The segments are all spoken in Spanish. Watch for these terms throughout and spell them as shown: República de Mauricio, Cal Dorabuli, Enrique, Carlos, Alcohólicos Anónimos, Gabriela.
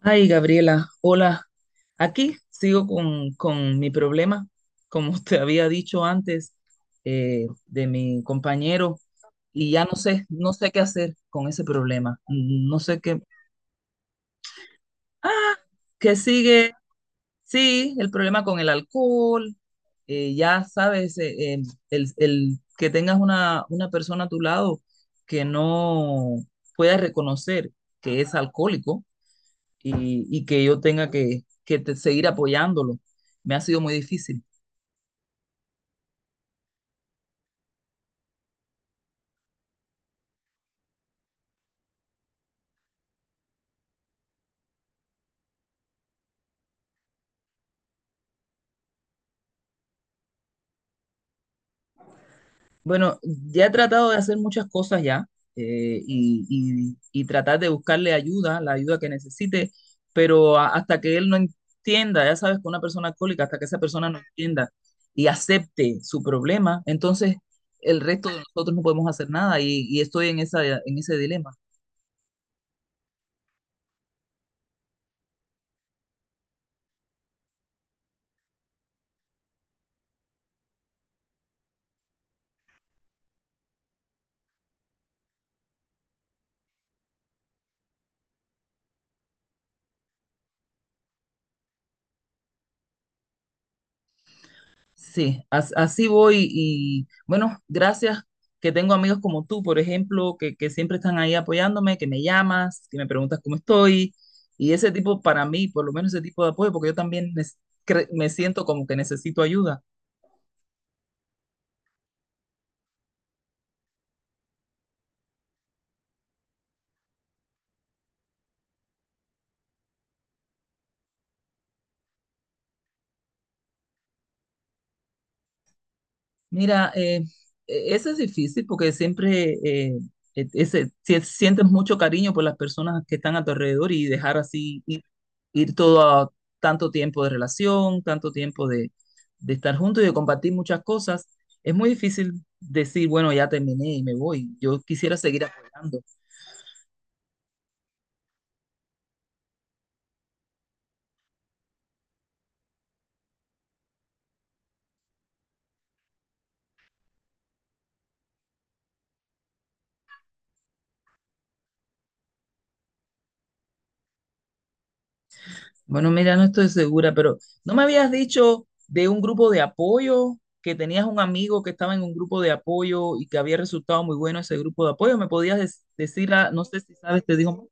Ay, Gabriela, hola. Aquí sigo con mi problema, como te había dicho antes, de mi compañero, y ya no sé, no sé qué hacer con ese problema. No sé qué. Ah, que sigue, sí, el problema con el alcohol. Ya sabes, el que tengas una persona a tu lado que no pueda reconocer que es alcohólico y que yo tenga que seguir apoyándolo. Me ha sido muy difícil. Bueno, ya he tratado de hacer muchas cosas ya eh, y, y tratar de buscarle ayuda, la ayuda que necesite, pero hasta que él no entienda, ya sabes, que una persona alcohólica, hasta que esa persona no entienda y acepte su problema, entonces el resto de nosotros no podemos hacer nada y, y estoy en esa, en ese dilema. Sí, así voy y bueno, gracias que tengo amigos como tú, por ejemplo, que siempre están ahí apoyándome, que me llamas, que me preguntas cómo estoy y ese tipo para mí, por lo menos ese tipo de apoyo, porque yo también me siento como que necesito ayuda. Mira, eso es difícil porque siempre sientes mucho cariño por las personas que están a tu alrededor y dejar así ir, ir todo a tanto tiempo de relación, tanto tiempo de estar juntos y de compartir muchas cosas, es muy difícil decir, bueno, ya terminé y me voy. Yo quisiera seguir apoyando. Bueno, mira, no estoy segura, pero ¿no me habías dicho de un grupo de apoyo, que tenías un amigo que estaba en un grupo de apoyo y que había resultado muy bueno ese grupo de apoyo? ¿Me podías decir, no sé si sabes, te digo,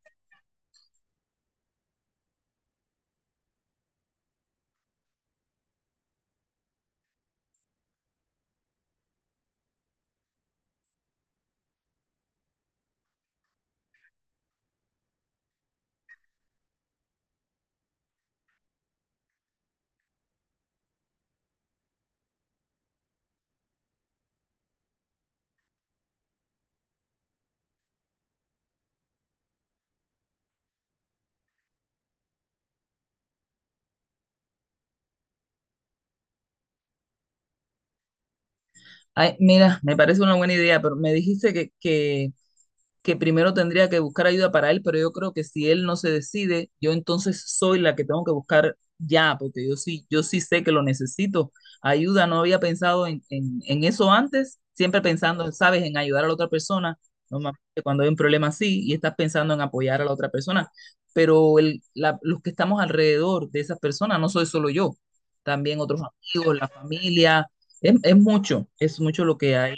ay, mira, me parece una buena idea, pero me dijiste que primero tendría que buscar ayuda para él, pero yo creo que si él no se decide, yo entonces soy la que tengo que buscar ya, porque yo sí, yo sí sé que lo necesito. Ayuda, no había pensado en eso antes, siempre pensando, sabes, en ayudar a la otra persona, normalmente cuando hay un problema así y estás pensando en apoyar a la otra persona, pero los que estamos alrededor de esas personas no soy solo yo, también otros amigos, la familia, es mucho lo que hay.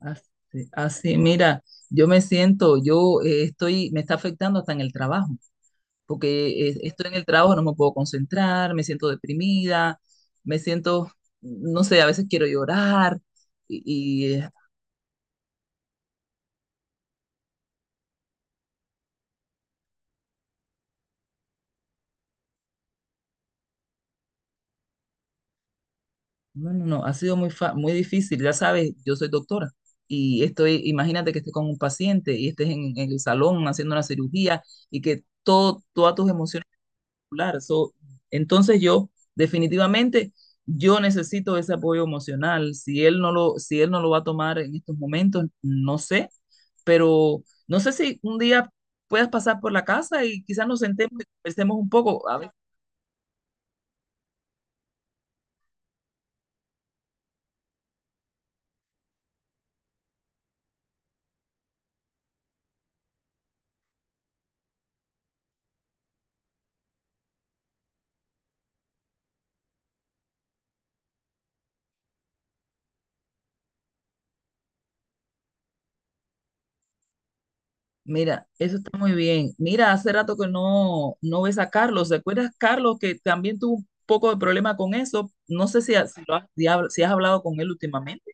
Así, así, mira, yo me siento, yo estoy, me está afectando hasta en el trabajo, porque estoy en el trabajo, no me puedo concentrar, me siento deprimida, me siento, no sé, a veces quiero llorar, y, y, eh, no, no, no, ha sido muy difícil, ya sabes, yo soy doctora, y estoy, imagínate que estés con un paciente y estés en el salón haciendo una cirugía y que todo, todas tus emociones particular. So, entonces yo, definitivamente, yo necesito ese apoyo emocional. Si él no lo, si él no lo va a tomar en estos momentos, no sé, pero no sé si un día puedas pasar por la casa y quizás nos sentemos y conversemos un poco. A ver, mira, eso está muy bien. Mira, hace rato que no, no ves a Carlos. ¿Te acuerdas, Carlos, que también tuvo un poco de problema con eso? No sé si, si lo has, si si has hablado con él últimamente.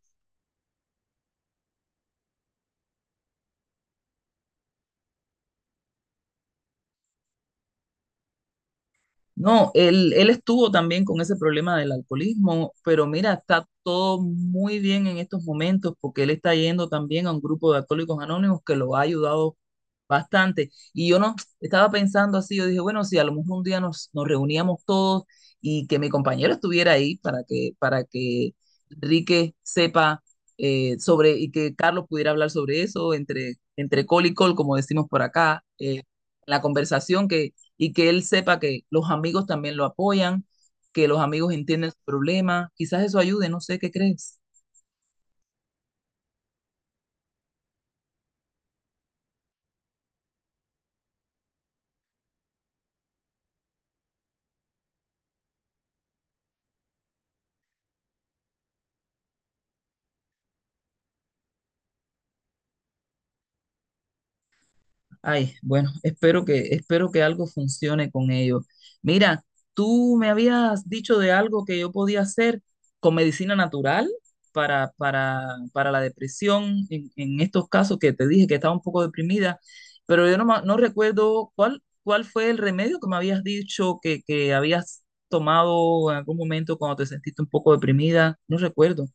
No, él estuvo también con ese problema del alcoholismo, pero mira, está todo muy bien en estos momentos porque él está yendo también a un grupo de alcohólicos anónimos que lo ha ayudado bastante. Y yo no estaba pensando así, yo dije, bueno, si a lo mejor un día nos, nos reuníamos todos y que mi compañero estuviera ahí para que Enrique sepa sobre y que Carlos pudiera hablar sobre eso entre, entre col y col, como decimos por acá, la conversación y que él sepa que los amigos también lo apoyan, que los amigos entienden su problema. Quizás eso ayude, no sé qué crees. Ay, bueno, espero que algo funcione con ellos. Mira, tú me habías dicho de algo que yo podía hacer con medicina natural para, para, para la depresión en estos casos que te dije que estaba un poco deprimida, pero yo no, no recuerdo cuál, cuál fue el remedio que me habías dicho que habías tomado en algún momento cuando te sentiste un poco deprimida. No recuerdo.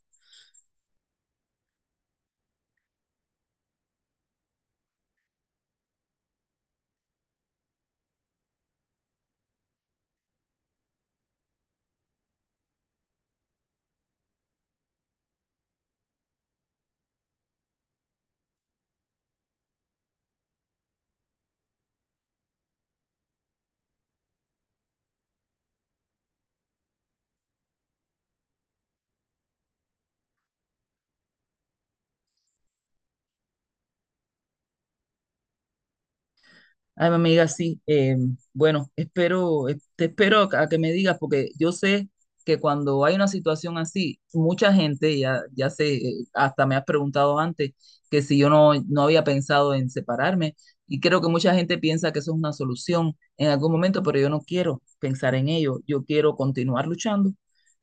Ay, mi amiga, sí. Bueno, espero, te espero a que me digas, porque yo sé que cuando hay una situación así, mucha gente, ya, ya sé, hasta me has preguntado antes que si yo no, no había pensado en separarme, y creo que mucha gente piensa que eso es una solución en algún momento, pero yo no quiero pensar en ello. Yo quiero continuar luchando,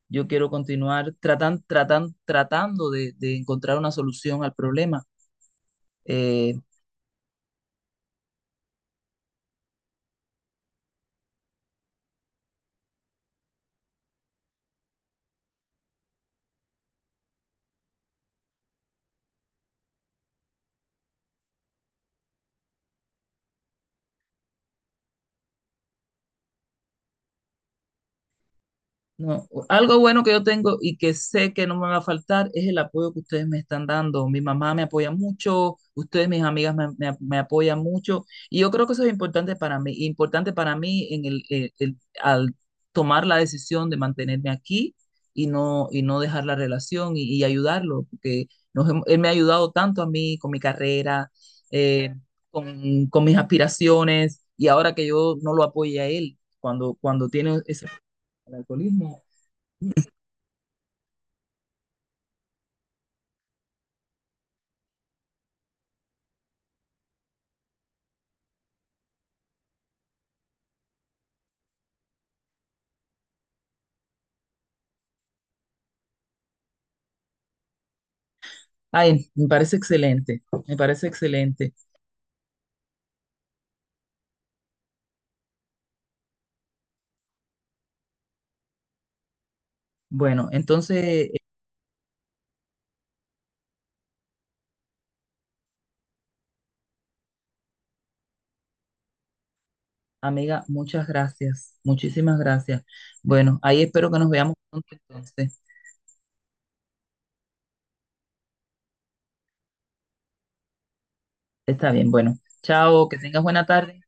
yo quiero continuar tratando de encontrar una solución al problema. Eh, No, algo bueno que yo tengo y que sé que no me va a faltar es el apoyo que ustedes me están dando. Mi mamá me apoya mucho, ustedes, mis amigas, me apoyan mucho. Y yo creo que eso es importante para mí. Importante para mí en el- al tomar la decisión de mantenerme aquí y no dejar la relación y ayudarlo, porque él me ha ayudado tanto a mí con mi carrera, eh, con mis aspiraciones, y ahora que yo no lo apoye a él cuando, cuando tiene ese el alcoholismo. Ay, me parece excelente, me parece excelente. Bueno, entonces, eh, amiga, muchas gracias, muchísimas gracias. Bueno, ahí espero que nos veamos pronto entonces. Está bien, bueno, chao, que tengas buena tarde.